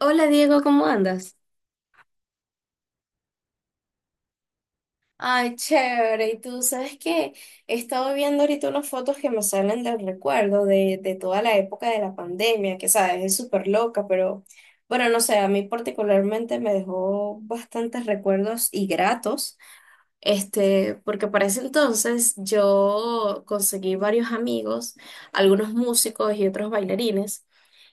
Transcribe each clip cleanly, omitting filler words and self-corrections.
Hola Diego, ¿cómo andas? Ay, chévere. Y tú sabes que he estado viendo ahorita unas fotos que me salen del recuerdo de toda la época de la pandemia, que sabes, es súper loca, pero bueno, no sé, a mí particularmente me dejó bastantes recuerdos y gratos, porque para ese entonces yo conseguí varios amigos, algunos músicos y otros bailarines.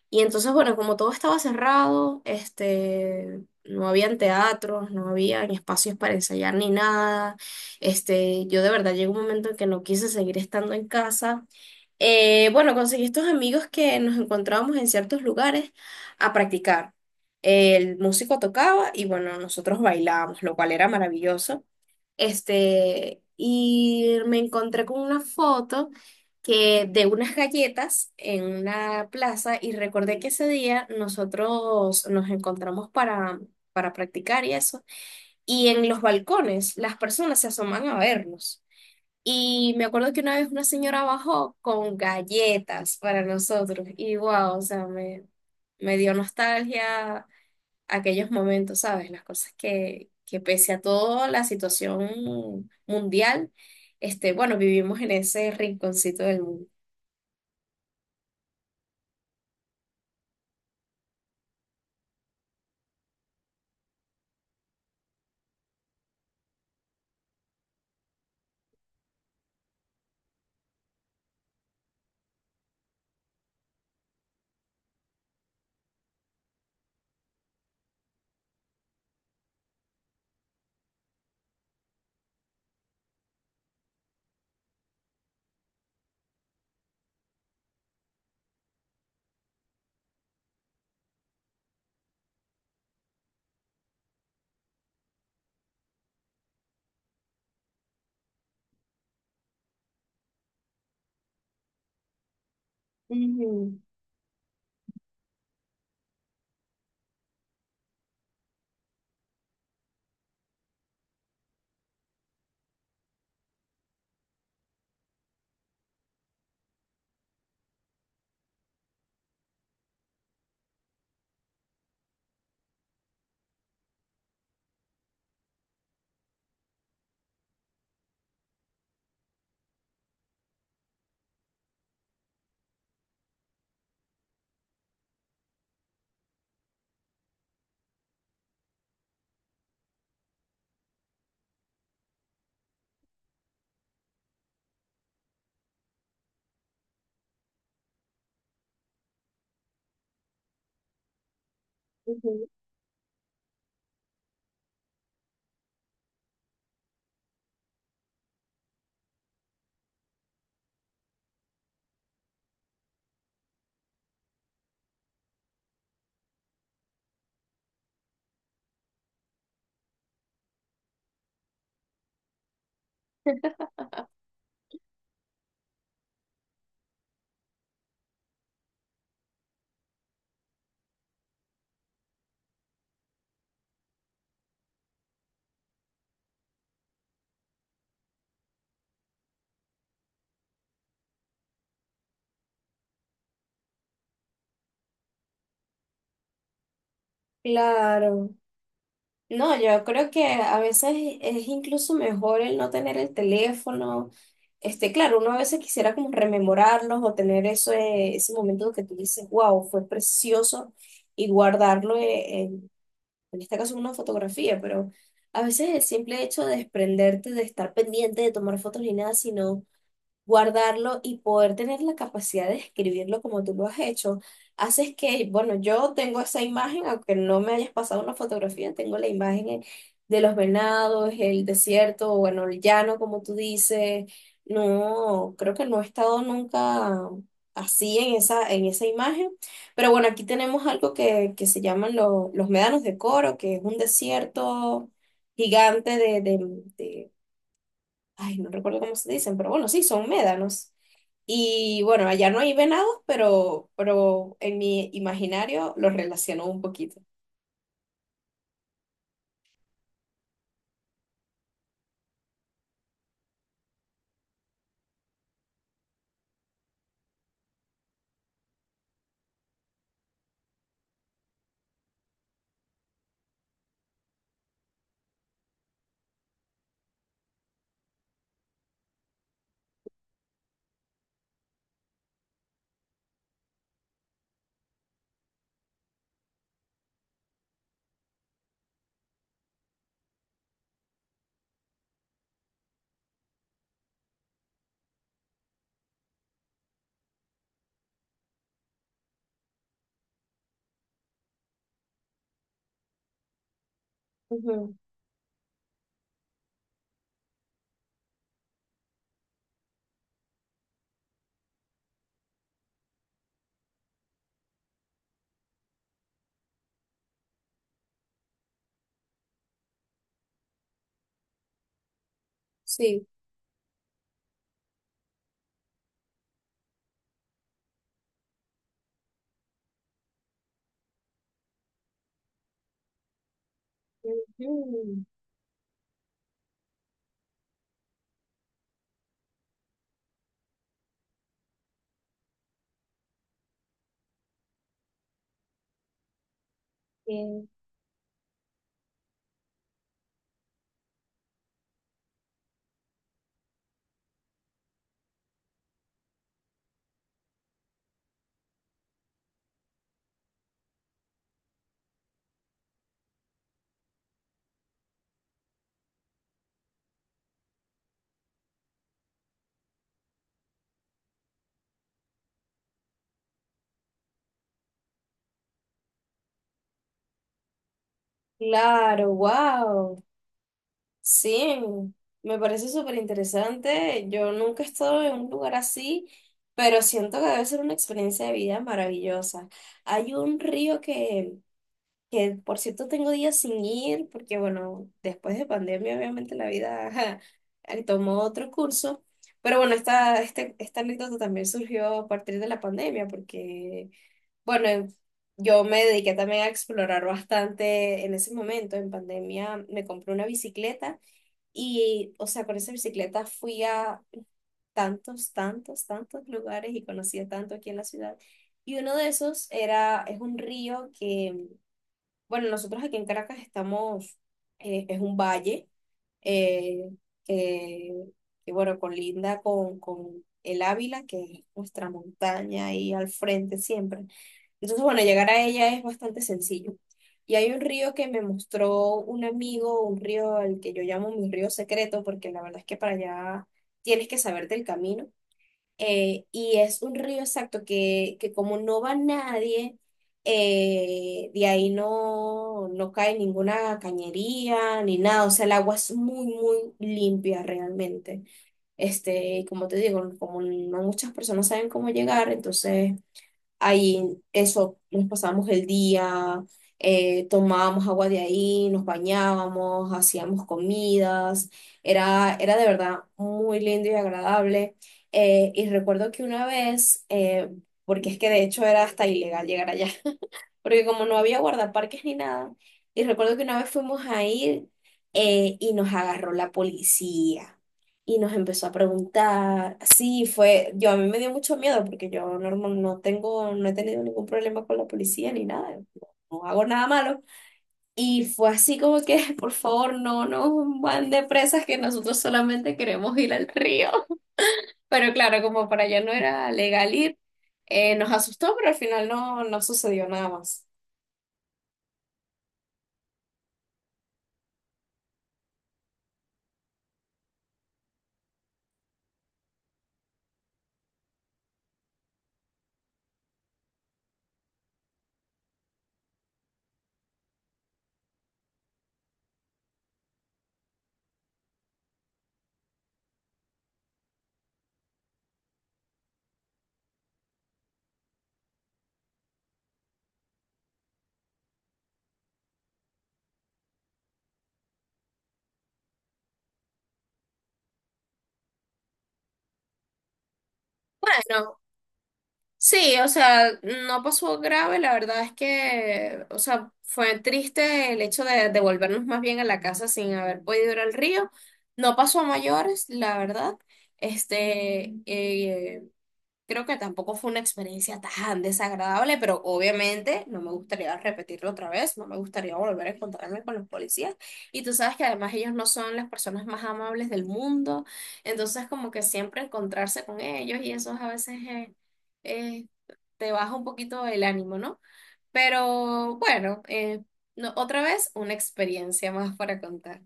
Y entonces, bueno, como todo estaba cerrado, no habían teatros, no habían espacios para ensayar ni nada. Yo de verdad llegó un momento en que no quise seguir estando en casa. Bueno, conseguí estos amigos que nos encontrábamos en ciertos lugares a practicar. El músico tocaba y bueno, nosotros bailábamos, lo cual era maravilloso. Y me encontré con una foto que de unas galletas en una plaza y recordé que ese día nosotros nos encontramos para practicar y eso. Y en los balcones las personas se asoman a vernos. Y me acuerdo que una vez una señora bajó con galletas para nosotros y wow, o sea, me dio nostalgia aquellos momentos, ¿sabes? Las cosas que pese a toda la situación mundial, bueno, vivimos en ese rinconcito del mundo. Ujú, ujú. Claro. No, yo creo que a veces es incluso mejor el no tener el teléfono. Claro, uno a veces quisiera como rememorarlos o tener eso, ese momento que tú dices, wow, fue precioso y guardarlo en este caso una fotografía, pero a veces el simple hecho de desprenderte, de estar pendiente, de tomar fotos ni nada, sino guardarlo y poder tener la capacidad de escribirlo como tú lo has hecho, haces que, bueno, yo tengo esa imagen, aunque no me hayas pasado una fotografía, tengo la imagen de los venados, el desierto, o bueno, el llano, como tú dices. No, creo que no he estado nunca así en en esa imagen. Pero bueno, aquí tenemos algo que se llaman los médanos de Coro, que es un desierto gigante de ay, no recuerdo cómo se dicen, pero bueno, sí, son médanos. Y bueno, allá no hay venados, pero en mi imaginario los relaciono un poquito. Ujú. Sí. Ujú, bien. Claro, wow. Sí, me parece súper interesante. Yo nunca he estado en un lugar así, pero siento que debe ser una experiencia de vida maravillosa. Hay un río que por cierto tengo días sin ir, porque bueno, después de pandemia obviamente la vida ajá, tomó otro curso, pero bueno, esta anécdota también surgió a partir de la pandemia, porque bueno, yo me dediqué también a explorar bastante en ese momento, en pandemia me compré una bicicleta y, o sea, con esa bicicleta fui a tantos, tantos, tantos lugares y conocí a tanto aquí en la ciudad. Y uno de esos era, es un río que bueno, nosotros aquí en Caracas estamos, es un valle eh, que, que, bueno, colinda con el Ávila, que es nuestra montaña ahí al frente siempre. Entonces, bueno, llegar a ella es bastante sencillo. Y hay un río que me mostró un amigo, un río al que yo llamo mi río secreto, porque la verdad es que para allá tienes que saberte el camino, y es un río exacto que como no va nadie, de ahí no, no cae ninguna cañería ni nada, o sea, el agua es muy, muy limpia realmente. Y como te digo, como no muchas personas saben cómo llegar, entonces ahí eso, nos pasábamos el día, tomábamos agua de ahí, nos bañábamos, hacíamos comidas, era de verdad muy lindo y agradable. Y recuerdo que una vez, porque es que de hecho era hasta ilegal llegar allá, porque como no había guardaparques ni nada, y recuerdo que una vez fuimos a ir, y nos agarró la policía y nos empezó a preguntar. Sí, fue, yo a mí me dio mucho miedo porque yo normal no tengo, no he tenido ningún problema con la policía ni nada, no hago nada malo. Y fue así como que, por favor, no nos van de presas que nosotros solamente queremos ir al río. Pero claro, como para allá no era legal ir, nos asustó, pero al final no, no sucedió nada más. Sí, o sea, no pasó grave, la verdad es que, o sea, fue triste el hecho de devolvernos más bien a la casa sin haber podido ir al río. No pasó a mayores, la verdad. Este, eh, Creo que tampoco fue una experiencia tan desagradable, pero obviamente no me gustaría repetirlo otra vez, no me gustaría volver a encontrarme con los policías. Y tú sabes que además ellos no son las personas más amables del mundo, entonces como que siempre encontrarse con ellos y eso a veces eh, te baja un poquito el ánimo, ¿no? Pero bueno, no, otra vez una experiencia más para contar.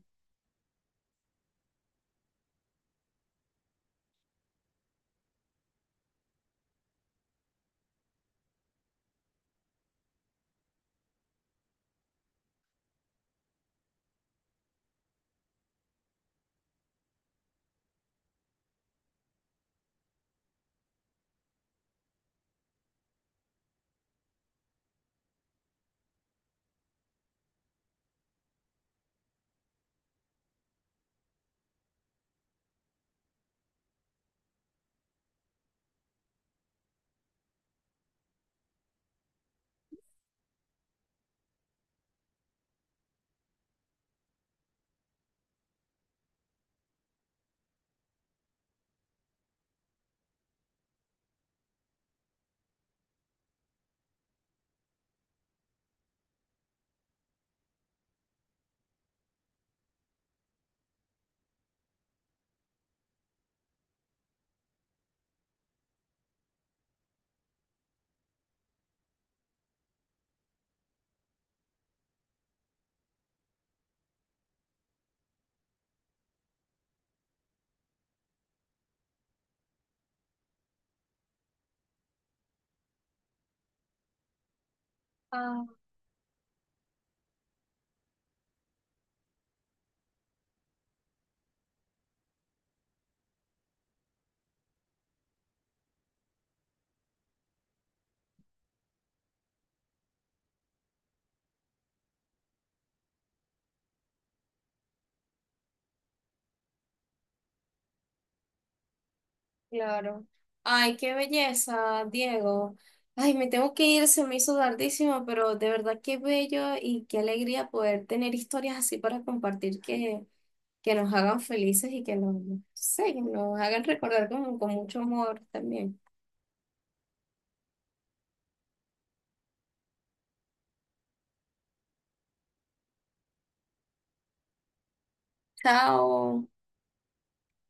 Claro. Ay, qué belleza, Diego. Ay, me tengo que ir, se me hizo tardísimo, pero de verdad qué bello y qué alegría poder tener historias así para compartir que nos hagan felices y que nos, no sé, que nos hagan recordar con mucho amor también. Chao.